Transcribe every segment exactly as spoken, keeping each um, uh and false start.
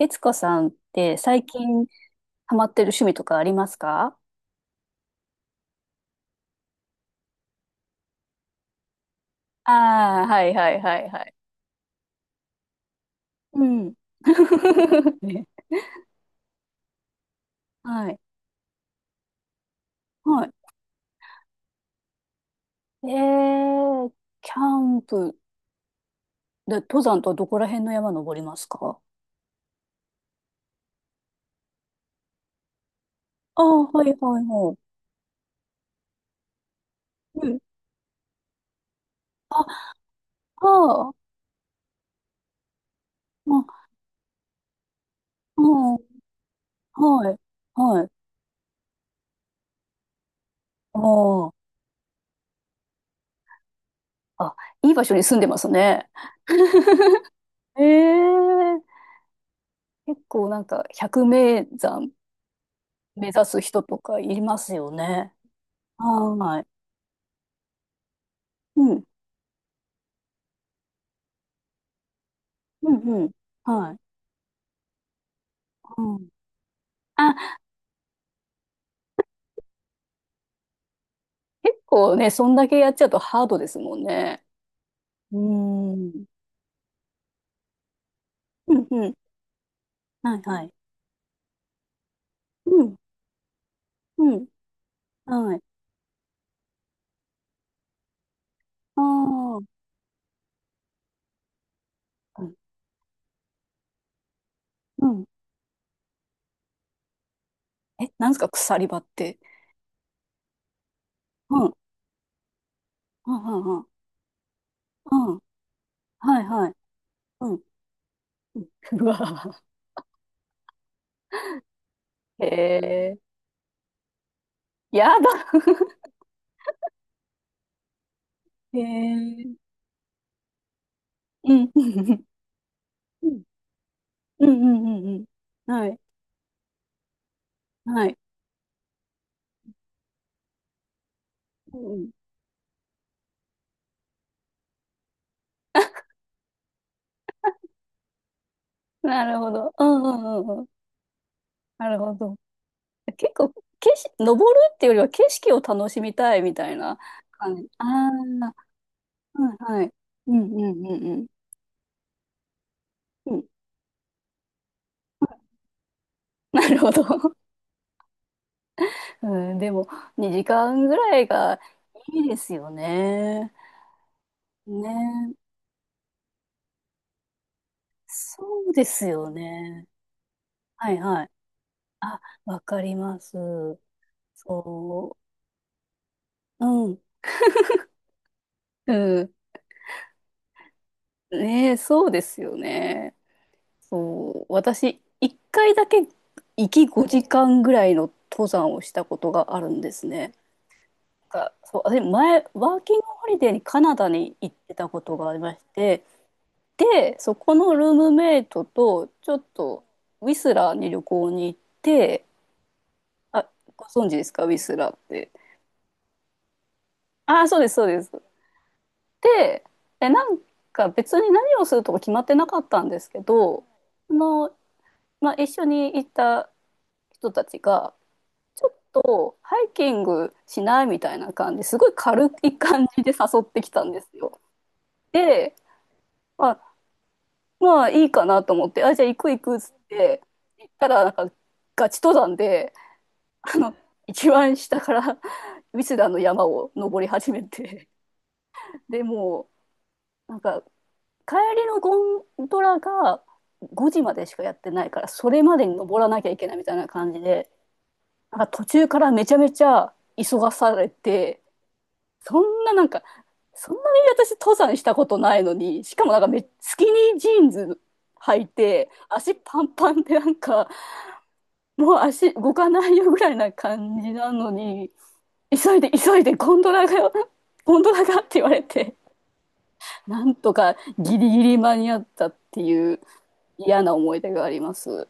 悦子さんって最近ハマってる趣味とかありますか？ああー、はいはいはいはい。うん。ね。はい。はい。えー、キャンプで登山とはどこら辺の山登りますか？ああー、はいはいはい。うん。あ、ああ、まあ、うん、はい、はい。ああ、あ、いい場所に住んでますね。ええ。結構なんか百名山目指す人とかいますよね。はい。うん。うん、うん。はい。うん。あ、結構ね、そんだけやっちゃうとハードですもんね。うーん。うん、うん。はい、はい。うん、うん。はい。ああ。うん。うん。え、なんですか、鎖場って？うん。うん、うん、うん。うん。はい、はい。うん。うん。 うわ。へえ。やだ。へえ。うん。うん、うん、うん、うん。うん、はい。はい。うん。なるほど。うん、うん、うん。うん、なるほど。結構、景色、登るっていうよりは景色を楽しみたいみたいな感じ。ああ、はいはい。うんうんうん。うん。うん、なるほど。うん、でも、にじかんぐらいがいいですよね。ね。そうですよね。はいはい。あ、わかります。そう。うん。うん。ねえ、そうですよね。そう、私、いっかいだけ行きごじかんぐらいの登山をしたことがあるんですね。なんか、そう、私前、ワーキングホリデーにカナダに行ってたことがありまして、で、そこのルームメイトと、ちょっと、ウィスラーに旅行に行って、あ、ご存知ですか、ウィスラーって？あ、そうです、そうです。で、で、なんか別に何をするとか決まってなかったんですけど、あの、まあ、一緒に行った人たちが、ちょっとハイキングしないみたいな感じ、すごい軽い感じで誘ってきたんですよ。で、まあ、まあいいかなと思って、あ、じゃあ行く行くっつって行ったら、なんかガチ登山で、あの、一番下から ウィスダーの山を登り始めて、でもう、なんか帰りのゴンドラがごじまでしかやってないから、それまでに登らなきゃいけないみたいな感じで、なんか途中からめちゃめちゃ急がされて、そんななんか、そんなに私登山したことないのに、しかもなんかめ、スキニージーンズ履いて、足パンパンでなんか、もう足動かないよぐらいな感じなのに、急いで急いでゴンドラがよ、ゴンドラがって言われて、なんとかギリギリ間に合ったっていう嫌な思い出があります。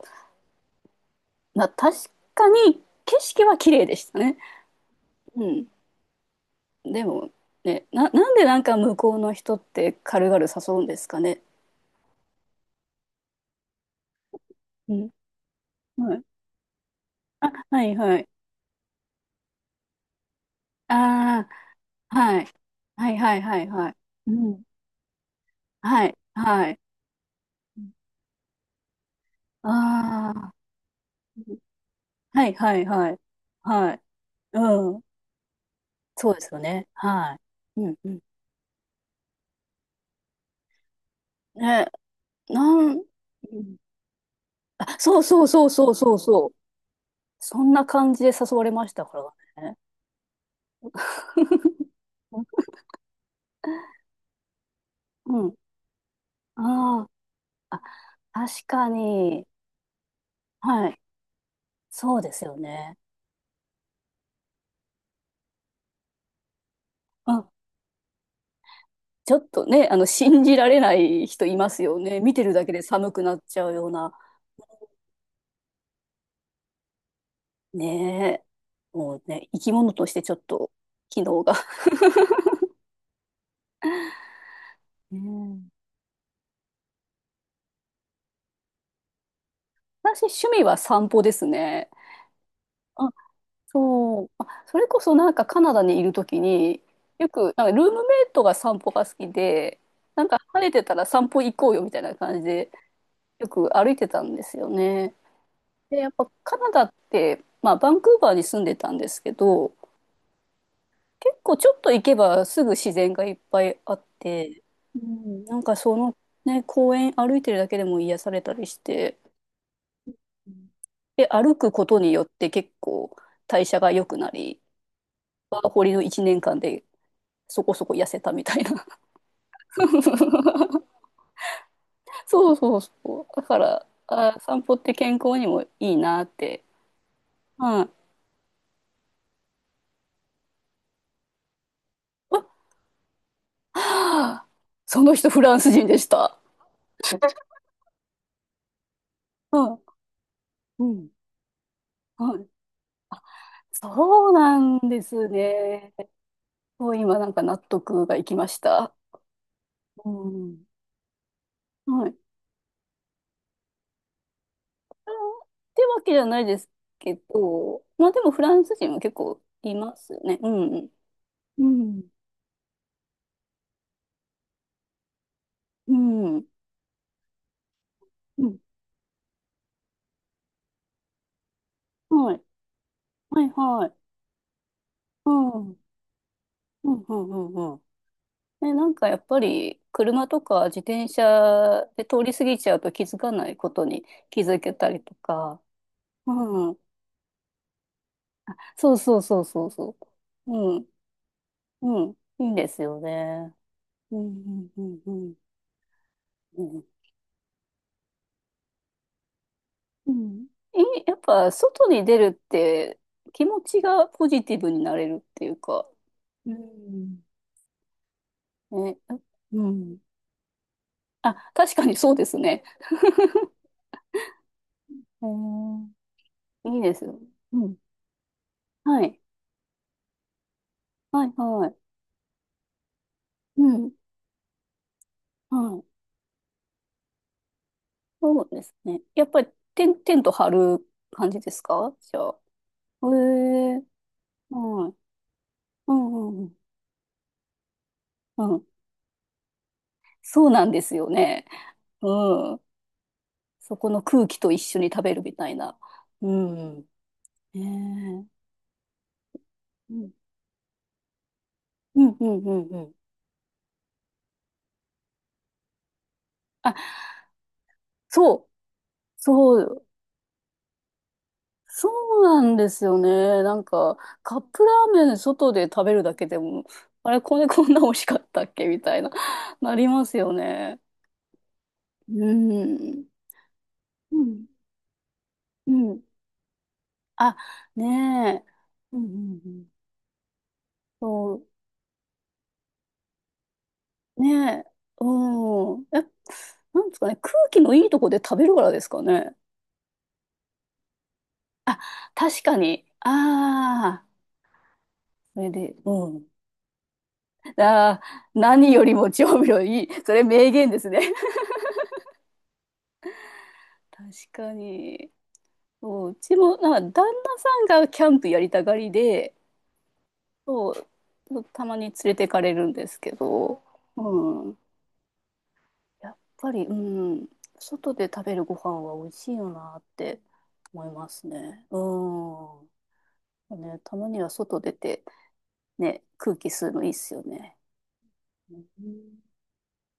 な、確かに景色は綺麗でしたね。うん。でもね、な、なんでなんか向こうの人って軽々誘うんですかね。うん。はい。あ、はいはい。ああ、はい。はいはいはいはい。うん。はい、はい。ああ、はいはいはい。はい。うん。そうですよね。はい。うんうん。ね、なん、うん、あ、そうそうそうそうそうそう。そんな感じで誘われましたからね。うん。ああ、あ、確かに。はい。そうですよね。うん、ちょっとね、あの、信じられない人いますよね。見てるだけで寒くなっちゃうような。ねえ。もうね、生き物としてちょっと、機能が。うん、私、趣味は散歩ですね。あ、そう。あ、それこそなんかカナダにいるときに、よく、なんかルームメイトが散歩が好きで、なんか晴れてたら散歩行こうよみたいな感じで、よく歩いてたんですよね。で、やっぱカナダって、まあ、バンクーバーに住んでたんですけど、結構ちょっと行けばすぐ自然がいっぱいあって、うん、なんかそのね、公園歩いてるだけでも癒されたりして、うん、で、歩くことによって結構代謝が良くなり、ワーホリのいちねんかんでそこそこ痩せたみたいな。そうそうそう。だから、あ、散歩って健康にもいいなって。うん。あ、はあ、その人フランス人でした。うん。うん。はい、そうなんですね。もう今なんか納得がいきました。うん。はい。ってわけじゃないですけど、まあでもフランス人も結構いますね。うん。うん。うん。うん。はい。はい、はい。うん。うん、うん、うん、うん。ね、なんかやっぱり車とか自転車で通り過ぎちゃうと気づかないことに気づけたりとか。うん。そうそうそうそうそう。うん。うん。いいんですよね。うん、うん、うん、うん。うんうん。え、やっぱ外に出るって気持ちがポジティブになれるっていうか、うん。ね、あ、うん。あ、確かにそうですね。へえ、いいですよ。うん。はい。はい、はい。うん。はい。そうですね。やっぱりテン、テント張る感じですかじゃあ？へえ、はい。うん、うん、うん。うん、そうなんですよね。うん。そこの空気と一緒に食べるみたいな。うん。ねえ、うん、うん、うん、うん、うん。あ、そう、そう、そうなんですよね。なんか、カップラーメン外で食べるだけでも、あれ、これこんな美味しかったっけみたいな、なりますよね。うん。うん。うん。あ、ねえ。うん、うんうん。そう、ねえ。うん。え、なんですかね。空気のいいとこで食べるからですかね。確かに。ああ、それで、うん。ああ、何よりも調味料いい。それ名言ですね。確かに。そううちも、なんか旦那さんがキャンプやりたがりで、そう、そうたまに連れてかれるんですけど、うん。やっぱり、うん、外で食べるご飯は美味しいよなって思いますね。うん。ね、たまには外出て、ね、空気吸うのいいっすよね。